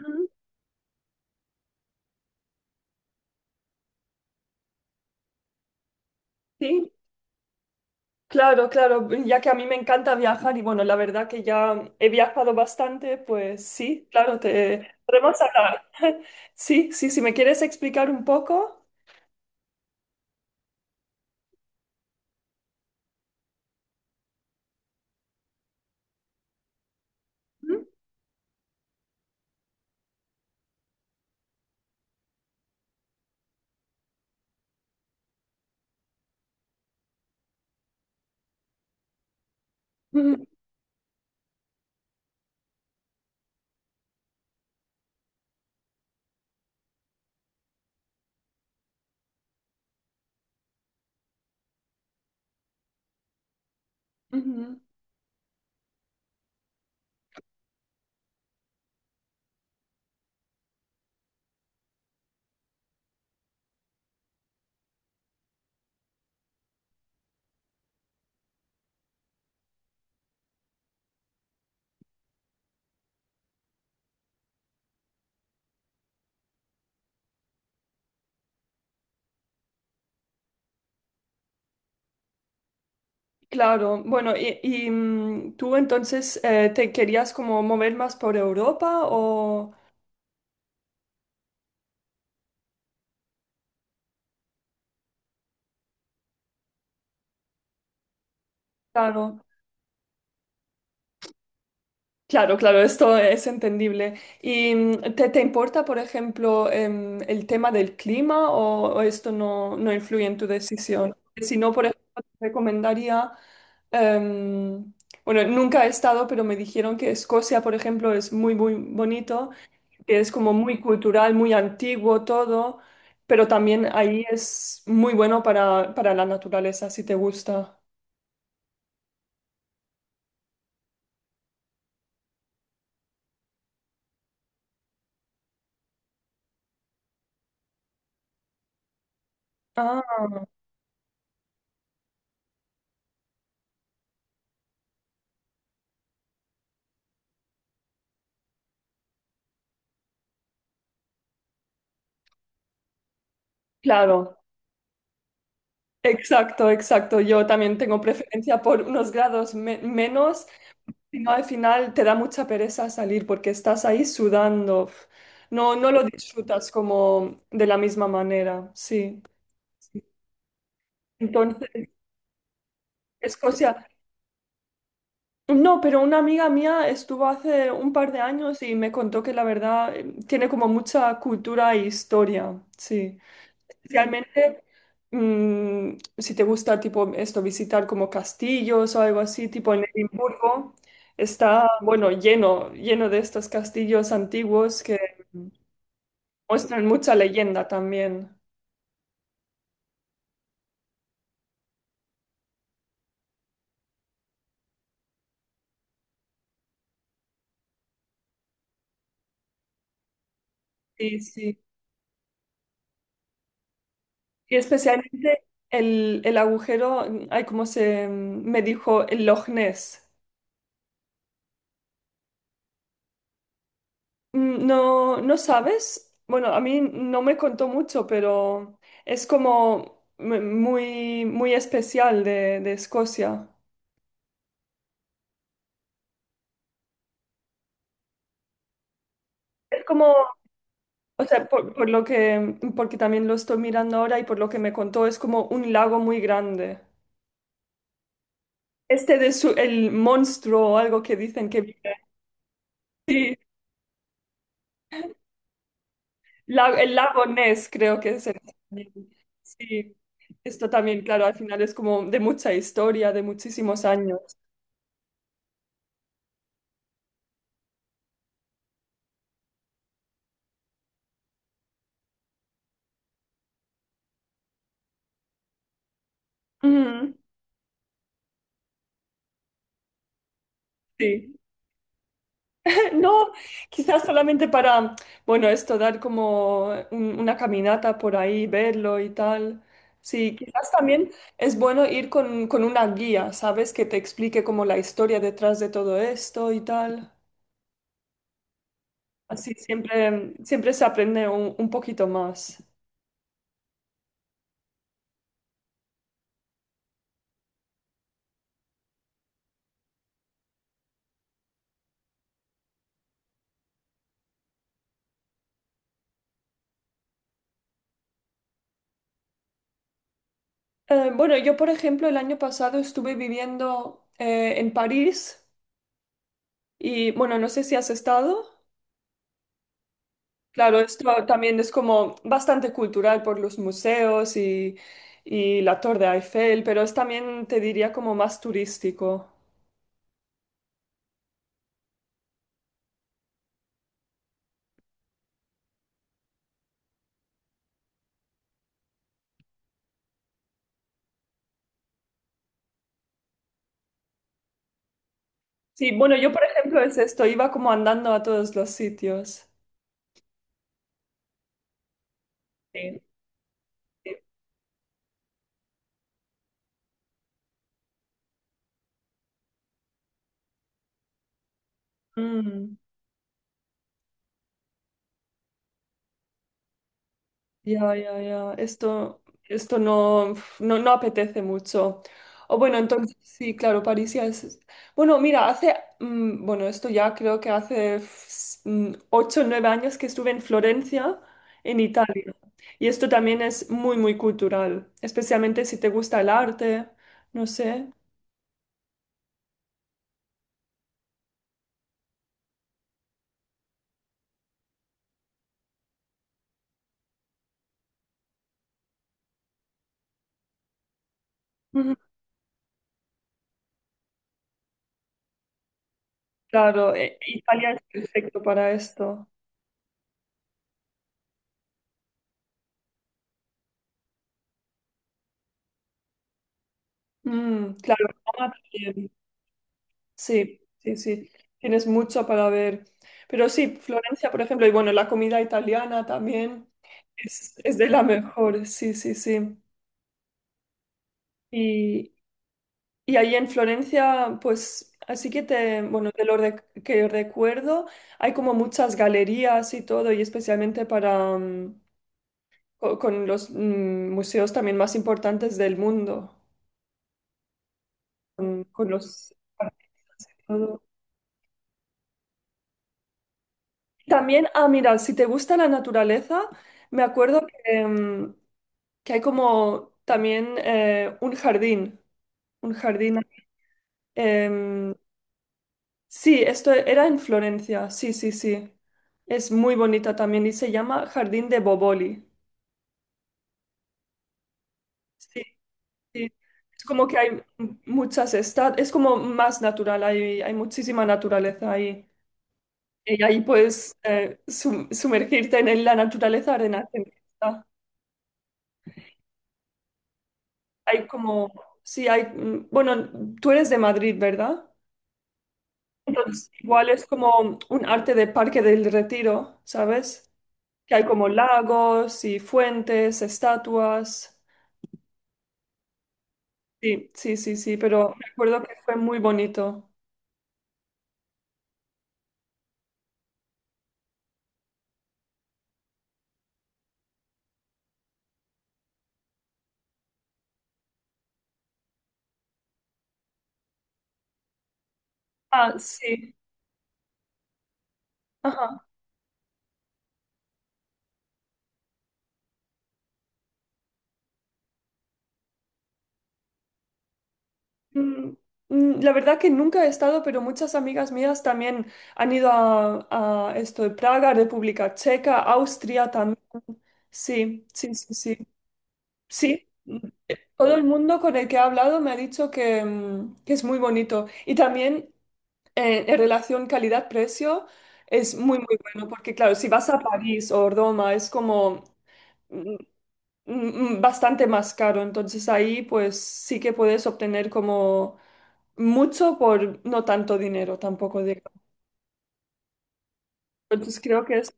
Ujú. Sí, claro, claro, ya que a mí me encanta viajar y bueno, la verdad que ya he viajado bastante, pues sí, claro, te podemos hablar. Sí, sí, si me quieres explicar un poco. Ujú, ujú, ujú. Claro, bueno, tú entonces te querías como mover más por Europa o... Claro. Claro, claro, esto es entendible. ¿Y te importa, por ejemplo, el tema del clima o esto no influye en tu decisión? Si no, por ejemplo, te recomendaría, em, bueno, nunca he estado, pero me dijeron que Escocia, por ejemplo, es muy, muy bonito, que es como muy cultural, muy antiguo todo, pero también ahí es muy bueno para la naturaleza, si te gusta. Ah, claro. Exacto, exacto. Yo también tengo preferencia por unos grados menos, si no al final te da mucha pereza salir porque estás ahí sudando. Uf. No, no lo disfrutas como de la misma manera, sí. Sí. Entonces, Escocia. No, pero una amiga mía estuvo hace un par de años y me contó que la verdad tiene como mucha cultura e historia, sí. Especialmente si te gusta tipo esto, visitar como castillos o algo así, tipo en Edimburgo, está, bueno, lleno, lleno de estos castillos antiguos que muestran mucha leyenda también. Sí, sí. Y especialmente el, el agujero, hay como se me dijo, el Loch Ness. Mm. No, ¿no sabes? Bueno, a mí no me contó mucho, pero es como muy, muy especial de Escocia. Es como, o sea, por lo que, porque también lo estoy mirando ahora y por lo que me contó, es como un lago muy grande. Este de su, el monstruo o algo que dicen que vive. Sí, el lago Ness creo que es. En sí, esto también, claro, al final es como de mucha historia, de muchísimos años. Ujú. Sí. No, quizás solamente para, bueno, esto, dar como una caminata por ahí, verlo y tal. Sí, quizás también es bueno ir con una guía, ¿sabes? Que te explique como la historia detrás de todo esto y tal. Así siempre, siempre se aprende un poquito más. Bueno, yo, por ejemplo, el año pasado estuve viviendo en París y, bueno, no sé si has estado. Claro, esto también es como bastante cultural por los museos y la Torre Eiffel, pero es también, te diría, como más turístico. Sí, bueno, yo por ejemplo es esto, iba como andando a todos los sitios. Sí. Sí. Mm. Ya, ya, ya. Esto no, no, no apetece mucho. O bueno, entonces sí, claro, París ya es. Bueno, mira, hace, bueno, esto ya creo que hace ocho, o nueve años que estuve en Florencia, en Italia. Y esto también es muy, muy cultural, especialmente si te gusta el arte, no sé. Ujú. Claro, Italia es perfecto para esto. Claro, Roma también. Sí, sí, sí. Tienes mucho para ver. Pero sí, Florencia, por ejemplo, y bueno, la comida italiana también es de la mejor, sí, sí, sí. Y, y ahí en Florencia, pues, así que te, bueno, de lo que recuerdo, hay como muchas galerías y todo, y especialmente para, con, los museos también más importantes del mundo, con los... También, ah, mira, si te gusta la naturaleza, me acuerdo que, que hay como también un jardín, un jardín. em, sí, esto era en Florencia, sí, sí, sí. Es muy bonita también y se llama Jardín de Boboli. Sí, sí. Es como que hay muchas estancias, es como más natural, hay muchísima naturaleza ahí. Y ahí puedes sumergirte en la naturaleza arena. Hay como, sí, hay, bueno, tú eres de Madrid, ¿verdad? Entonces, igual es como un arte de Parque del Retiro, ¿sabes? Que hay como lagos y fuentes, estatuas. Sí, sí, sí, sí, pero me acuerdo que fue muy bonito. Ah, sí. Ajá. Mm, la verdad que nunca he estado, pero muchas amigas mías también han ido a esto de Praga, República Checa, Austria también. Sí, sí, sí, sí. Sí. Todo el mundo con el que he hablado me ha dicho que, que es muy bonito. Y también en relación calidad-precio es muy, muy bueno, porque claro, si vas a París o Roma es como mm, bastante más caro. Entonces ahí pues sí que puedes obtener como mucho por no tanto dinero tampoco, digamos. Entonces creo que es...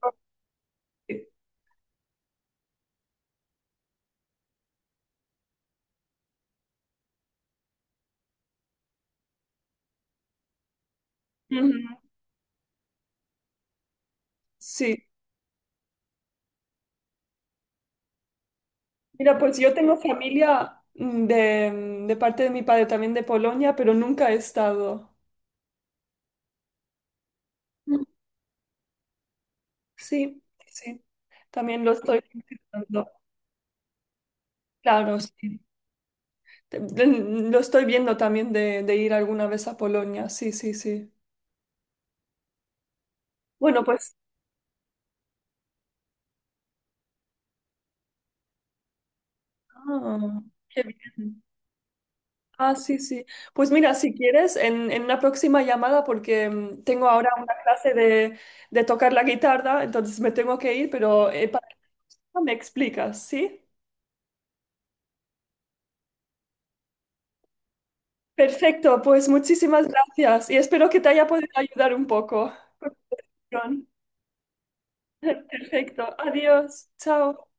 Ujú. Sí. Mira, pues yo tengo familia de parte de mi padre también de Polonia, pero nunca he estado. Sí, sí. También lo estoy considerando. Claro, sí. Te- Lo estoy viendo también de ir alguna vez a Polonia. Sí, sí, sí. Bueno, pues. Ah, qué bien. Ah, sí, sí. Pues mira, si quieres, en una próxima llamada, porque tengo ahora una clase de tocar la guitarra, entonces me tengo que ir, pero me explicas, ¿sí? Perfecto, pues muchísimas gracias y espero que te haya podido ayudar un poco. Perfecto. Adiós. Chao.